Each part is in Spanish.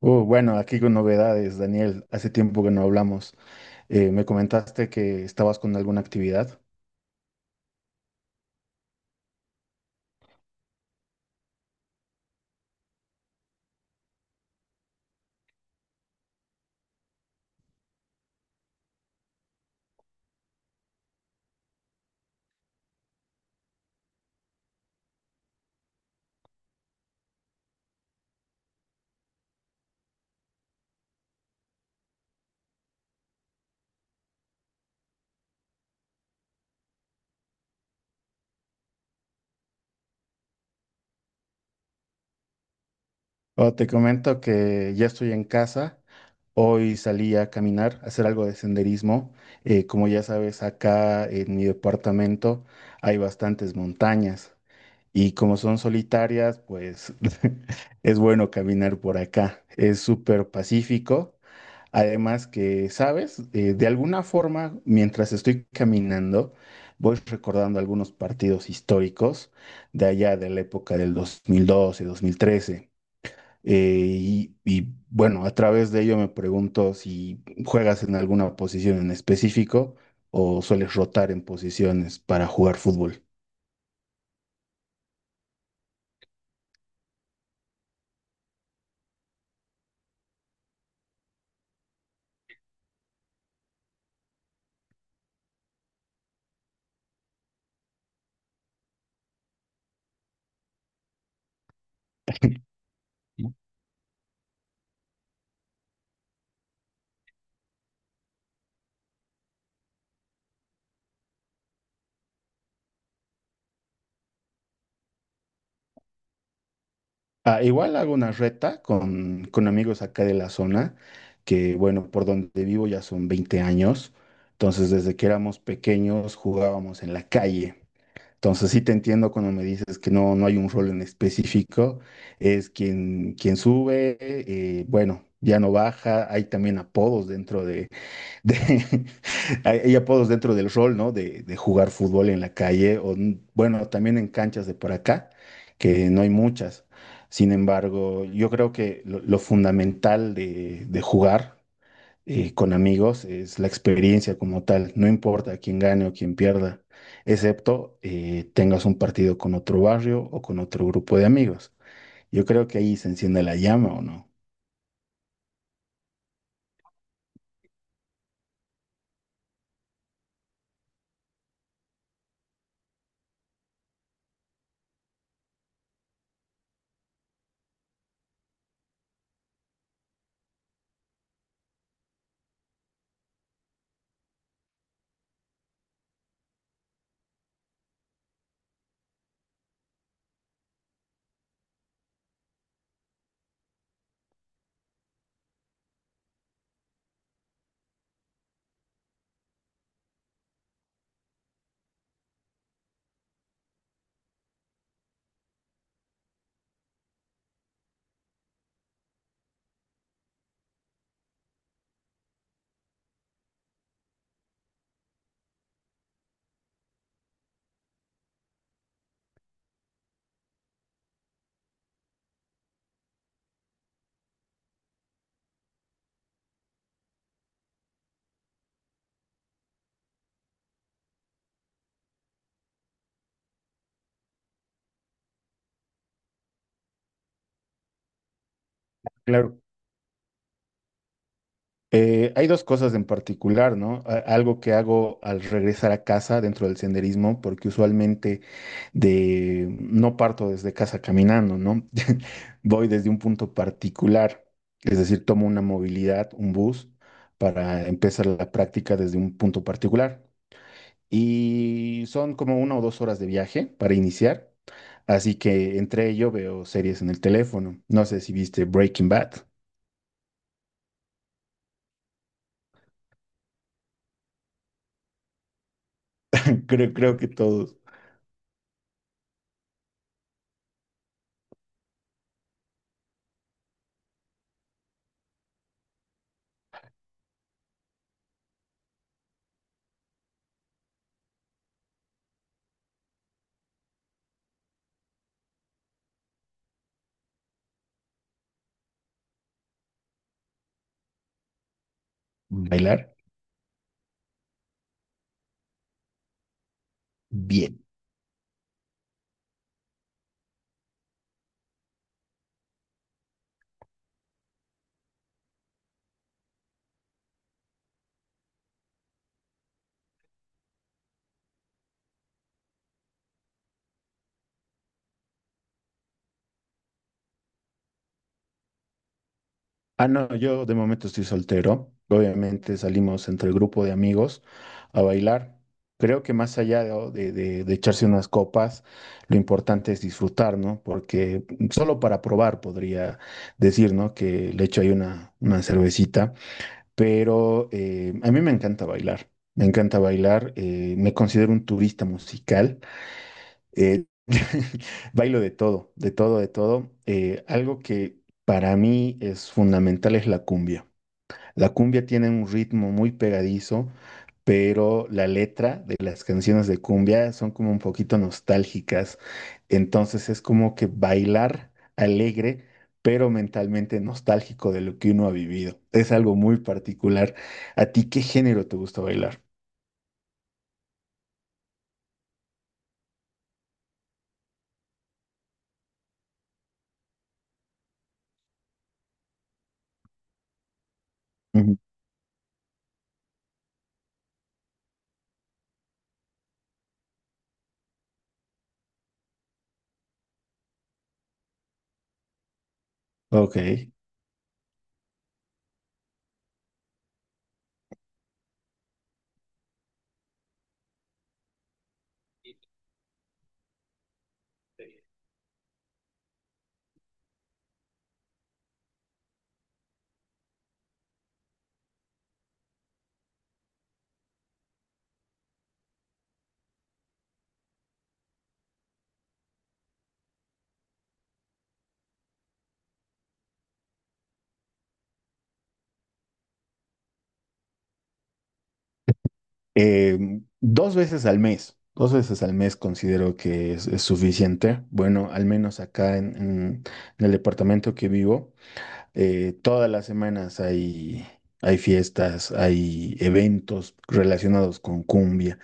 Bueno, aquí con novedades, Daniel. Hace tiempo que no hablamos. Me comentaste que estabas con alguna actividad. Oh, te comento que ya estoy en casa. Hoy salí a caminar, a hacer algo de senderismo. Como ya sabes, acá en mi departamento hay bastantes montañas. Y como son solitarias, pues es bueno caminar por acá. Es súper pacífico. Además que, ¿sabes? De alguna forma, mientras estoy caminando, voy recordando algunos partidos históricos de allá de la época del 2012, 2013. Y bueno, a través de ello me pregunto si juegas en alguna posición en específico o sueles rotar en posiciones para jugar fútbol. Ah, igual hago una reta con amigos acá de la zona, que bueno, por donde vivo ya son 20 años, entonces desde que éramos pequeños jugábamos en la calle. Entonces sí te entiendo cuando me dices que no, no hay un rol en específico, es quien sube, bueno, ya no baja, hay también apodos de- hay hay apodos dentro del rol, ¿no? De jugar fútbol en la calle o, bueno, también en canchas de por acá, que no hay muchas. Sin embargo, yo creo que lo fundamental de jugar con amigos es la experiencia como tal. No importa quién gane o quién pierda, excepto tengas un partido con otro barrio o con otro grupo de amigos. Yo creo que ahí se enciende la llama, ¿o no? Claro. Hay dos cosas en particular, ¿no? Algo que hago al regresar a casa dentro del senderismo, porque usualmente de no parto desde casa caminando, ¿no? Voy desde un punto particular, es decir, tomo una movilidad, un bus, para empezar la práctica desde un punto particular. Y son como una o dos horas de viaje para iniciar, así que entre ello veo series en el teléfono. No sé si viste Breaking Bad, creo que todos bailar. Bien. Ah, no, yo de momento estoy soltero. Obviamente salimos entre el grupo de amigos a bailar. Creo que más allá de echarse unas copas, lo importante es disfrutar, ¿no? Porque solo para probar podría decir, ¿no? Que le echo ahí una cervecita. Pero a mí me encanta bailar. Me encanta bailar. Me considero un turista musical. Eh, bailo de todo, de todo, de todo. Algo que para mí es fundamental es la cumbia. La cumbia tiene un ritmo muy pegadizo, pero la letra de las canciones de cumbia son como un poquito nostálgicas. Entonces es como que bailar alegre, pero mentalmente nostálgico de lo que uno ha vivido. Es algo muy particular. ¿A ti qué género te gusta bailar? Ujú. Ok. Dos veces al mes, dos veces al mes considero que es suficiente. Bueno, al menos acá en el departamento que vivo, todas las semanas hay, hay fiestas, hay eventos relacionados con cumbia.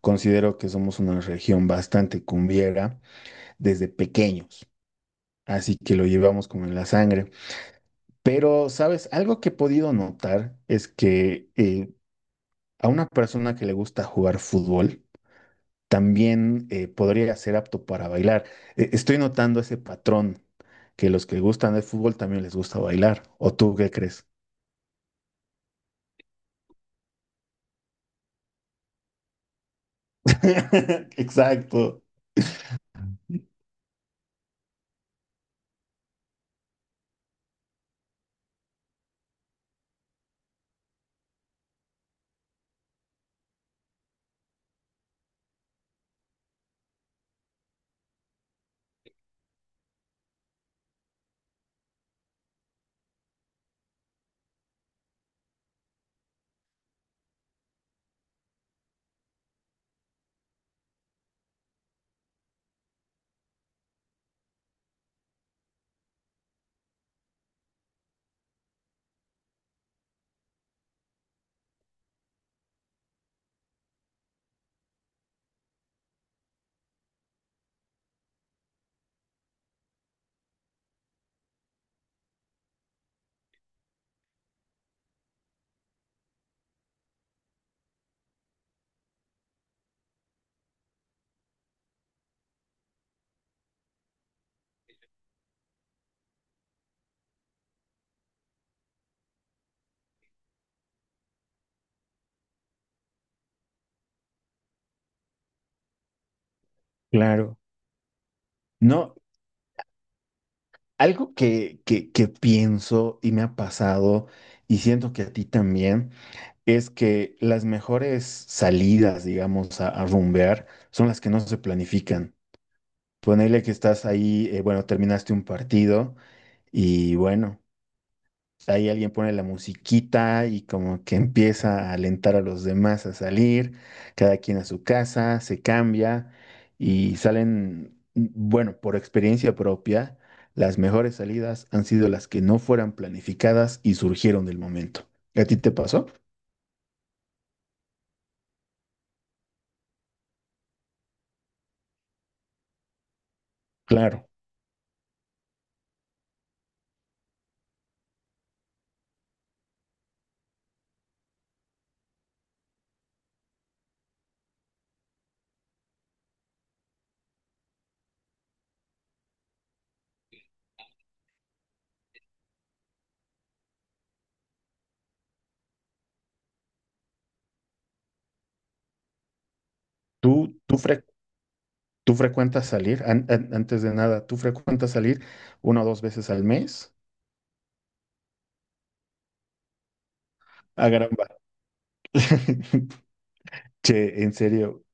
Considero que somos una región bastante cumbiera desde pequeños. Así que lo llevamos como en la sangre. Pero, ¿sabes? Algo que he podido notar es que a una persona que le gusta jugar fútbol, también podría ser apto para bailar. Estoy notando ese patrón, que los que gustan del fútbol también les gusta bailar. ¿O tú qué crees? Exacto. Claro. No, algo que pienso y me ha pasado, y siento que a ti también, es que las mejores salidas, digamos, a rumbear son las que no se planifican. Ponele que estás ahí, bueno, terminaste un partido y bueno. Ahí alguien pone la musiquita y como que empieza a alentar a los demás a salir, cada quien a su casa, se cambia y salen, bueno, por experiencia propia, las mejores salidas han sido las que no fueran planificadas y surgieron del momento. ¿A ti te pasó? Claro. ¿Tú, tú, fre- Tú frecuentas salir? Antes de nada, ¿tú frecuentas salir una o dos veces al mes? A caramba. Che, en serio.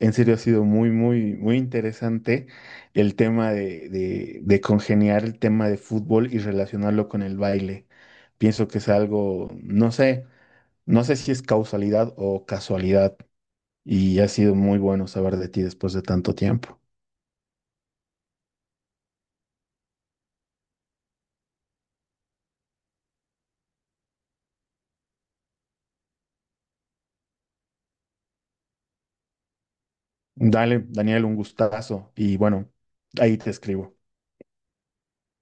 En serio, ha sido muy, muy, muy interesante el tema de congeniar el tema de fútbol y relacionarlo con el baile. Pienso que es algo, no sé, no sé si es causalidad o casualidad. Y ha sido muy bueno saber de ti después de tanto tiempo. Dale, Daniel, un gustazo. Y bueno, ahí te escribo.